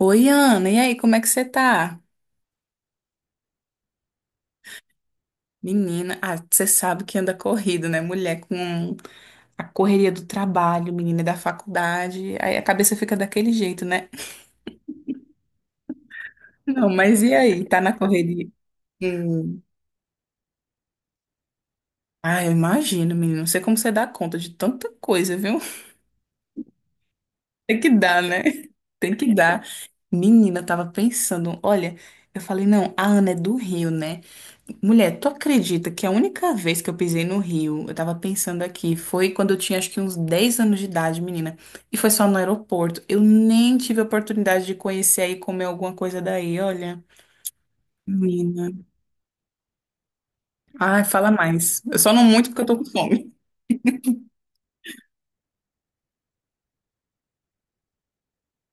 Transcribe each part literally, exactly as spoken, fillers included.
Oi, Ana, e aí, como é que você tá? Menina, ah, você sabe que anda corrido, né? Mulher com a correria do trabalho, menina da faculdade, aí a cabeça fica daquele jeito, né? Não, mas e aí, tá na correria? Hum. Ah, eu imagino, menina, não sei como você dá conta de tanta coisa, viu? Tem que dar, né? Tem que dar. Menina, eu tava pensando, olha, eu falei, não, a Ana é do Rio, né? Mulher, tu acredita que a única vez que eu pisei no Rio, eu tava pensando aqui, foi quando eu tinha acho que uns dez anos de idade, menina. E foi só no aeroporto. Eu nem tive a oportunidade de conhecer aí comer alguma coisa daí, olha. Menina. Ai, fala mais. Eu só não muito porque eu tô com fome.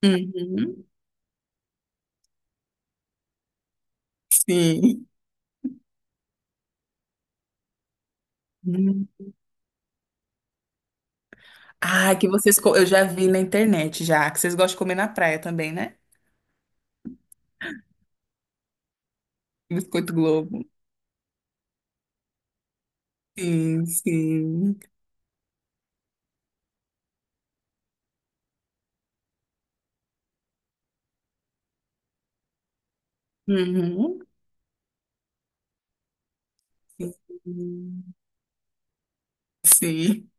Uhum, sim. Hum. Ah, que vocês. co- Eu já vi na internet já, que vocês gostam de comer na praia também, né? Biscoito Globo. Sim, sim. Uhum. Sim. Sim.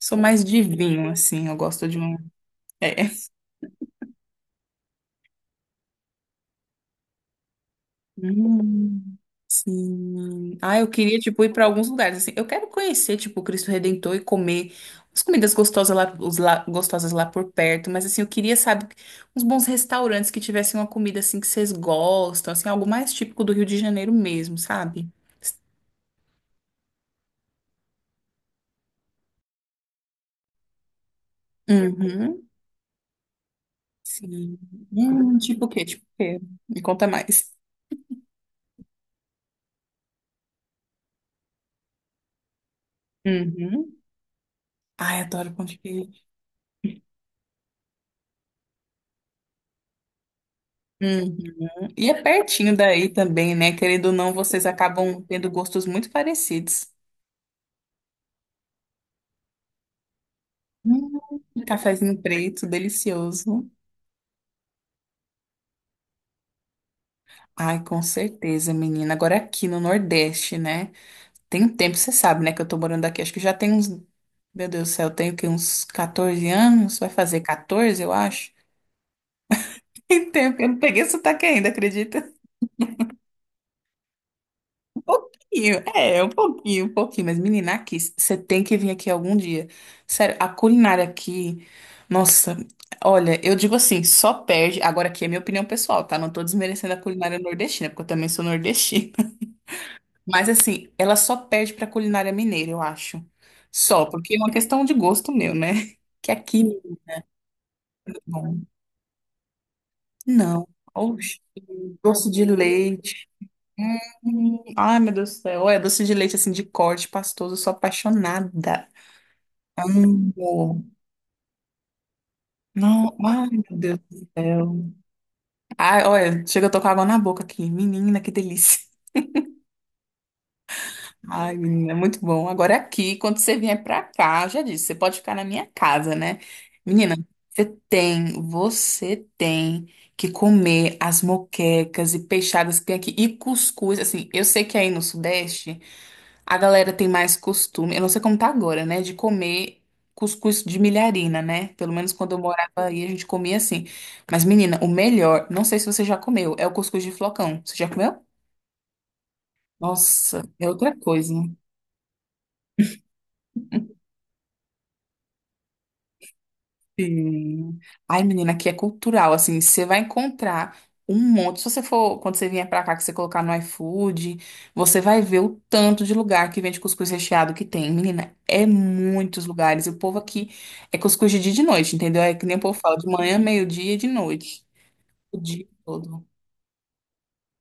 Sou mais de vinho, assim. Eu gosto de um. É. Hum, sim. Ah, eu queria, tipo, ir pra alguns lugares, assim. Eu quero conhecer, tipo, o Cristo Redentor e comer as comidas gostosas lá, os lá, gostosas lá por perto. Mas, assim, eu queria, sabe, uns bons restaurantes que tivessem uma comida, assim, que vocês gostam, assim, algo mais típico do Rio de Janeiro mesmo, sabe? Uhum. Sim. Hum, tipo o quê? Tipo o quê? Me conta mais. Uhum. Ai, adoro pão de queijo. Uhum. E é pertinho daí também, né? Querendo ou não, vocês acabam tendo gostos muito parecidos. Hum, cafezinho preto, delicioso. Ai, com certeza, menina. Agora aqui no Nordeste, né? Tem um tempo, você sabe, né? Que eu tô morando aqui. Acho que já tem uns. Meu Deus do céu, eu tenho que uns catorze anos? Vai fazer catorze, eu acho. Tem tempo que eu não peguei sotaque ainda, acredita? Pouquinho, é, é um pouquinho, um pouquinho, mas menina, aqui, você tem que vir aqui algum dia. Sério, a culinária aqui, nossa, olha, eu digo assim, só perde, agora aqui é minha opinião pessoal, tá? Não tô desmerecendo a culinária nordestina, porque eu também sou nordestina. Mas assim, ela só perde pra culinária mineira, eu acho. Só, porque é uma questão de gosto meu, né? Que aqui, bom, não, oxe, doce de leite. Hum, ai, meu Deus do céu. Olha, doce de leite assim de corte pastoso, eu sou apaixonada. Amo. Não, ai, meu Deus do céu. Ai, olha, chega, eu tô com água na boca aqui. Menina, que delícia. Ai, menina, é muito bom. Agora é aqui, quando você vier pra cá, já disse, você pode ficar na minha casa, né? Menina, você tem, você tem que comer as moquecas e peixadas que tem aqui e cuscuz. Assim, eu sei que aí no Sudeste. A galera tem mais costume, eu não sei como tá agora, né? De comer cuscuz de milharina, né? Pelo menos quando eu morava aí, a gente comia assim. Mas, menina, o melhor, não sei se você já comeu, é o cuscuz de flocão. Você já comeu? Nossa, é outra coisa. Sim. Ai, menina, aqui é cultural, assim, você vai encontrar um monte. Se você for, quando você vier pra cá, que você colocar no iFood, você vai ver o tanto de lugar que vende cuscuz recheado que tem. Menina, é muitos lugares. E o povo aqui é cuscuz de dia e de noite, entendeu? É que nem o povo fala, de manhã, meio-dia e de noite. O dia todo.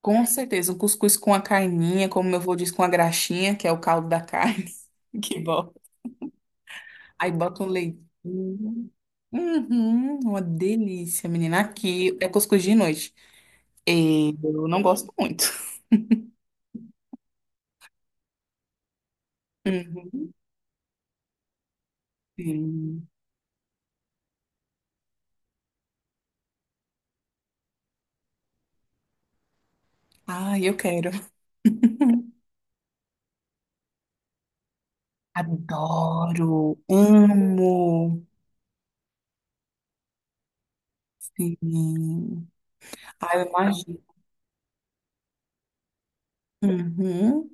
Com certeza, um cuscuz com a carninha, como meu avô diz, com a graxinha, que é o caldo da carne. Que Aí bota um leitinho. Uhum, uma delícia, menina. Aqui é cuscuz de noite. Eu não gosto muito. Uhum, sim. Ai, eu quero. Adoro. Amo. Sim. Ai, eu imagino. Uhum.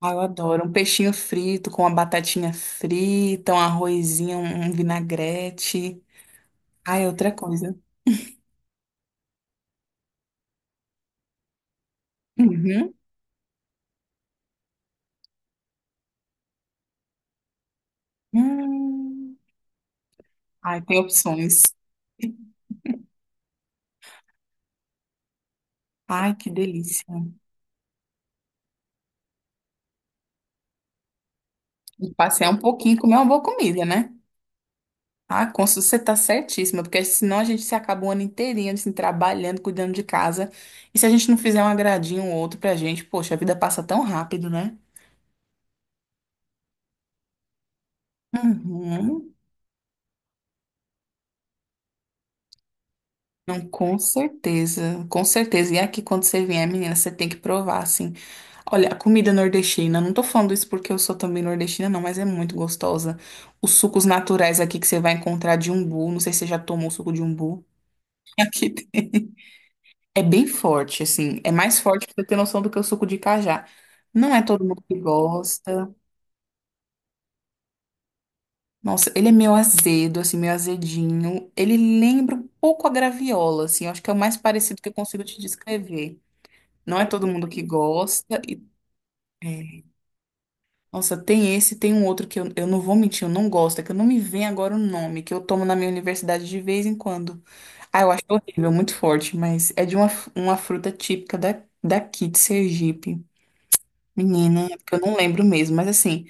Ai, eu adoro. Um peixinho frito com uma batatinha frita, um arrozinho, um vinagrete. Ai, é outra coisa. Uhum. Hum. Ai, tem opções. Ai, que delícia. E passear um pouquinho e comer uma boa comida, né? Ah, Consul, você tá certíssima, porque senão a gente se acaba o ano inteirinho assim, trabalhando, cuidando de casa. E se a gente não fizer um agradinho ou outro pra gente, poxa, a vida passa tão rápido, né? Uhum. Não, com certeza, com certeza. E aqui, quando você vier, menina, você tem que provar, assim. Olha, a comida nordestina, não tô falando isso porque eu sou também nordestina, não, mas é muito gostosa. Os sucos naturais aqui que você vai encontrar de umbu, não sei se você já tomou suco de umbu. Aqui tem. É bem forte, assim. É mais forte pra você ter noção do que o suco de cajá. Não é todo mundo que gosta. Nossa, ele é meio azedo, assim, meio azedinho. Ele lembra um pouco a graviola, assim. Eu acho que é o mais parecido que eu consigo te descrever. Não é todo mundo que gosta. E, é. Nossa, tem esse, tem um outro que eu, eu não vou mentir, eu não gosto. É que eu não me vem agora o nome, que eu tomo na minha universidade de vez em quando. Ah, eu acho horrível, muito forte, mas é de uma, uma fruta típica da, daqui, de Sergipe. Menina, é porque eu não lembro mesmo, mas assim,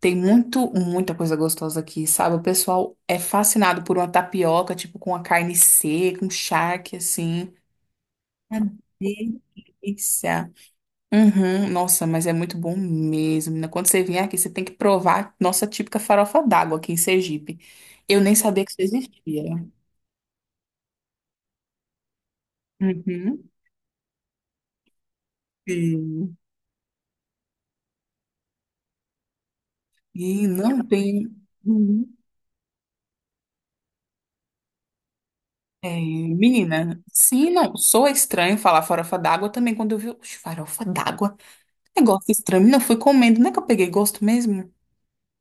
tem muito, muita coisa gostosa aqui, sabe? O pessoal é fascinado por uma tapioca, tipo, com a carne seca, um charque, assim. Uma delícia. Uhum, nossa, mas é muito bom mesmo, menina. Quando você vier aqui, você tem que provar nossa típica farofa d'água aqui em Sergipe. Eu nem sabia que isso existia. Uhum. Sim. E não tem. Uhum. É, menina, sim, não, sou estranho falar farofa d'água também, quando eu vi, oxe, farofa d'água, negócio estranho, não fui comendo, não é que eu peguei gosto mesmo?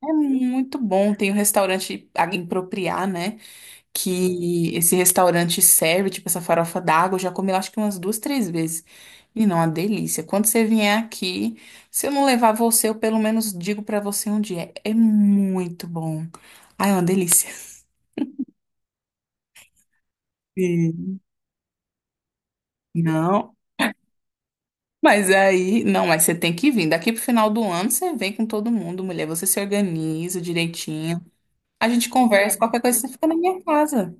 É muito bom, tem um restaurante a- em Propriá, né, que esse restaurante serve, tipo, essa farofa d'água, eu já comi, eu acho que umas duas, três vezes, e não, uma delícia, quando você vier aqui, se eu não levar você, eu pelo menos digo pra você onde é, é muito bom, ai, é uma delícia. Sim. Não. Mas aí, não, mas você tem que vir. Daqui pro final do ano você vem com todo mundo, mulher. Você se organiza direitinho. A gente conversa, qualquer coisa você fica na minha casa.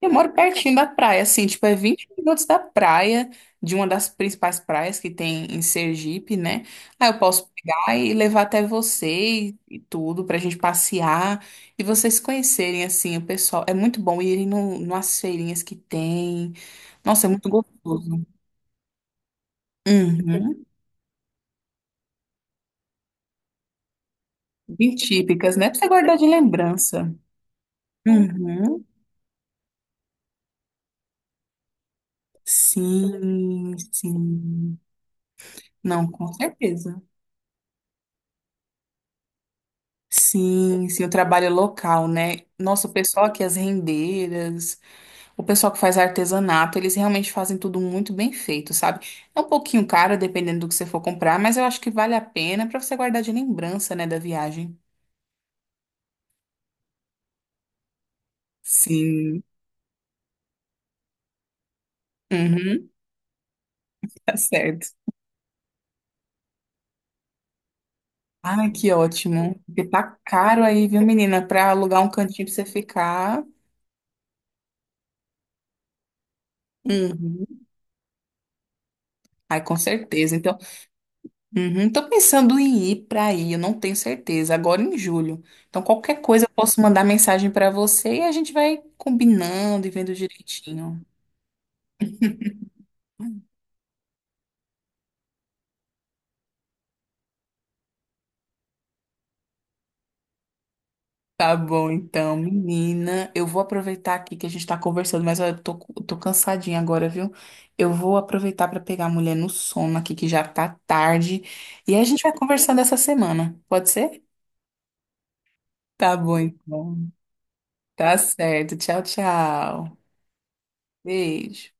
Eu moro pertinho da praia, assim, tipo, é vinte minutos da praia, de uma das principais praias que tem em Sergipe, né? Aí eu posso pegar e levar até você e, e tudo, pra gente passear e vocês se conhecerem, assim, o pessoal. É muito bom irem no, nas feirinhas que tem. Nossa, é muito gostoso. Uhum. Bem típicas, né? Pra você guardar de lembrança. Uhum. Sim, sim. Não, com certeza. Sim, sim, o trabalho local, né? Nossa, o pessoal aqui, as rendeiras, o pessoal que faz artesanato, eles realmente fazem tudo muito bem feito, sabe? É um pouquinho caro, dependendo do que você for comprar, mas eu acho que vale a pena pra você guardar de lembrança, né, da viagem. Sim. Uhum, tá certo. Ai, que ótimo. Porque tá caro aí, viu, menina, pra alugar um cantinho pra você ficar. Uhum. Ai, com certeza. Então, uhum, tô pensando em ir para aí, eu não tenho certeza, agora em julho. Então, qualquer coisa eu posso mandar mensagem para você e a gente vai combinando e vendo direitinho. Tá bom, então, menina, eu vou aproveitar aqui que a gente tá conversando, mas eu tô, tô cansadinha agora, viu? Eu vou aproveitar para pegar a mulher no sono aqui, que já tá tarde, e a gente vai conversando essa semana, pode ser? Tá bom, então. Tá certo. Tchau, tchau. Beijo.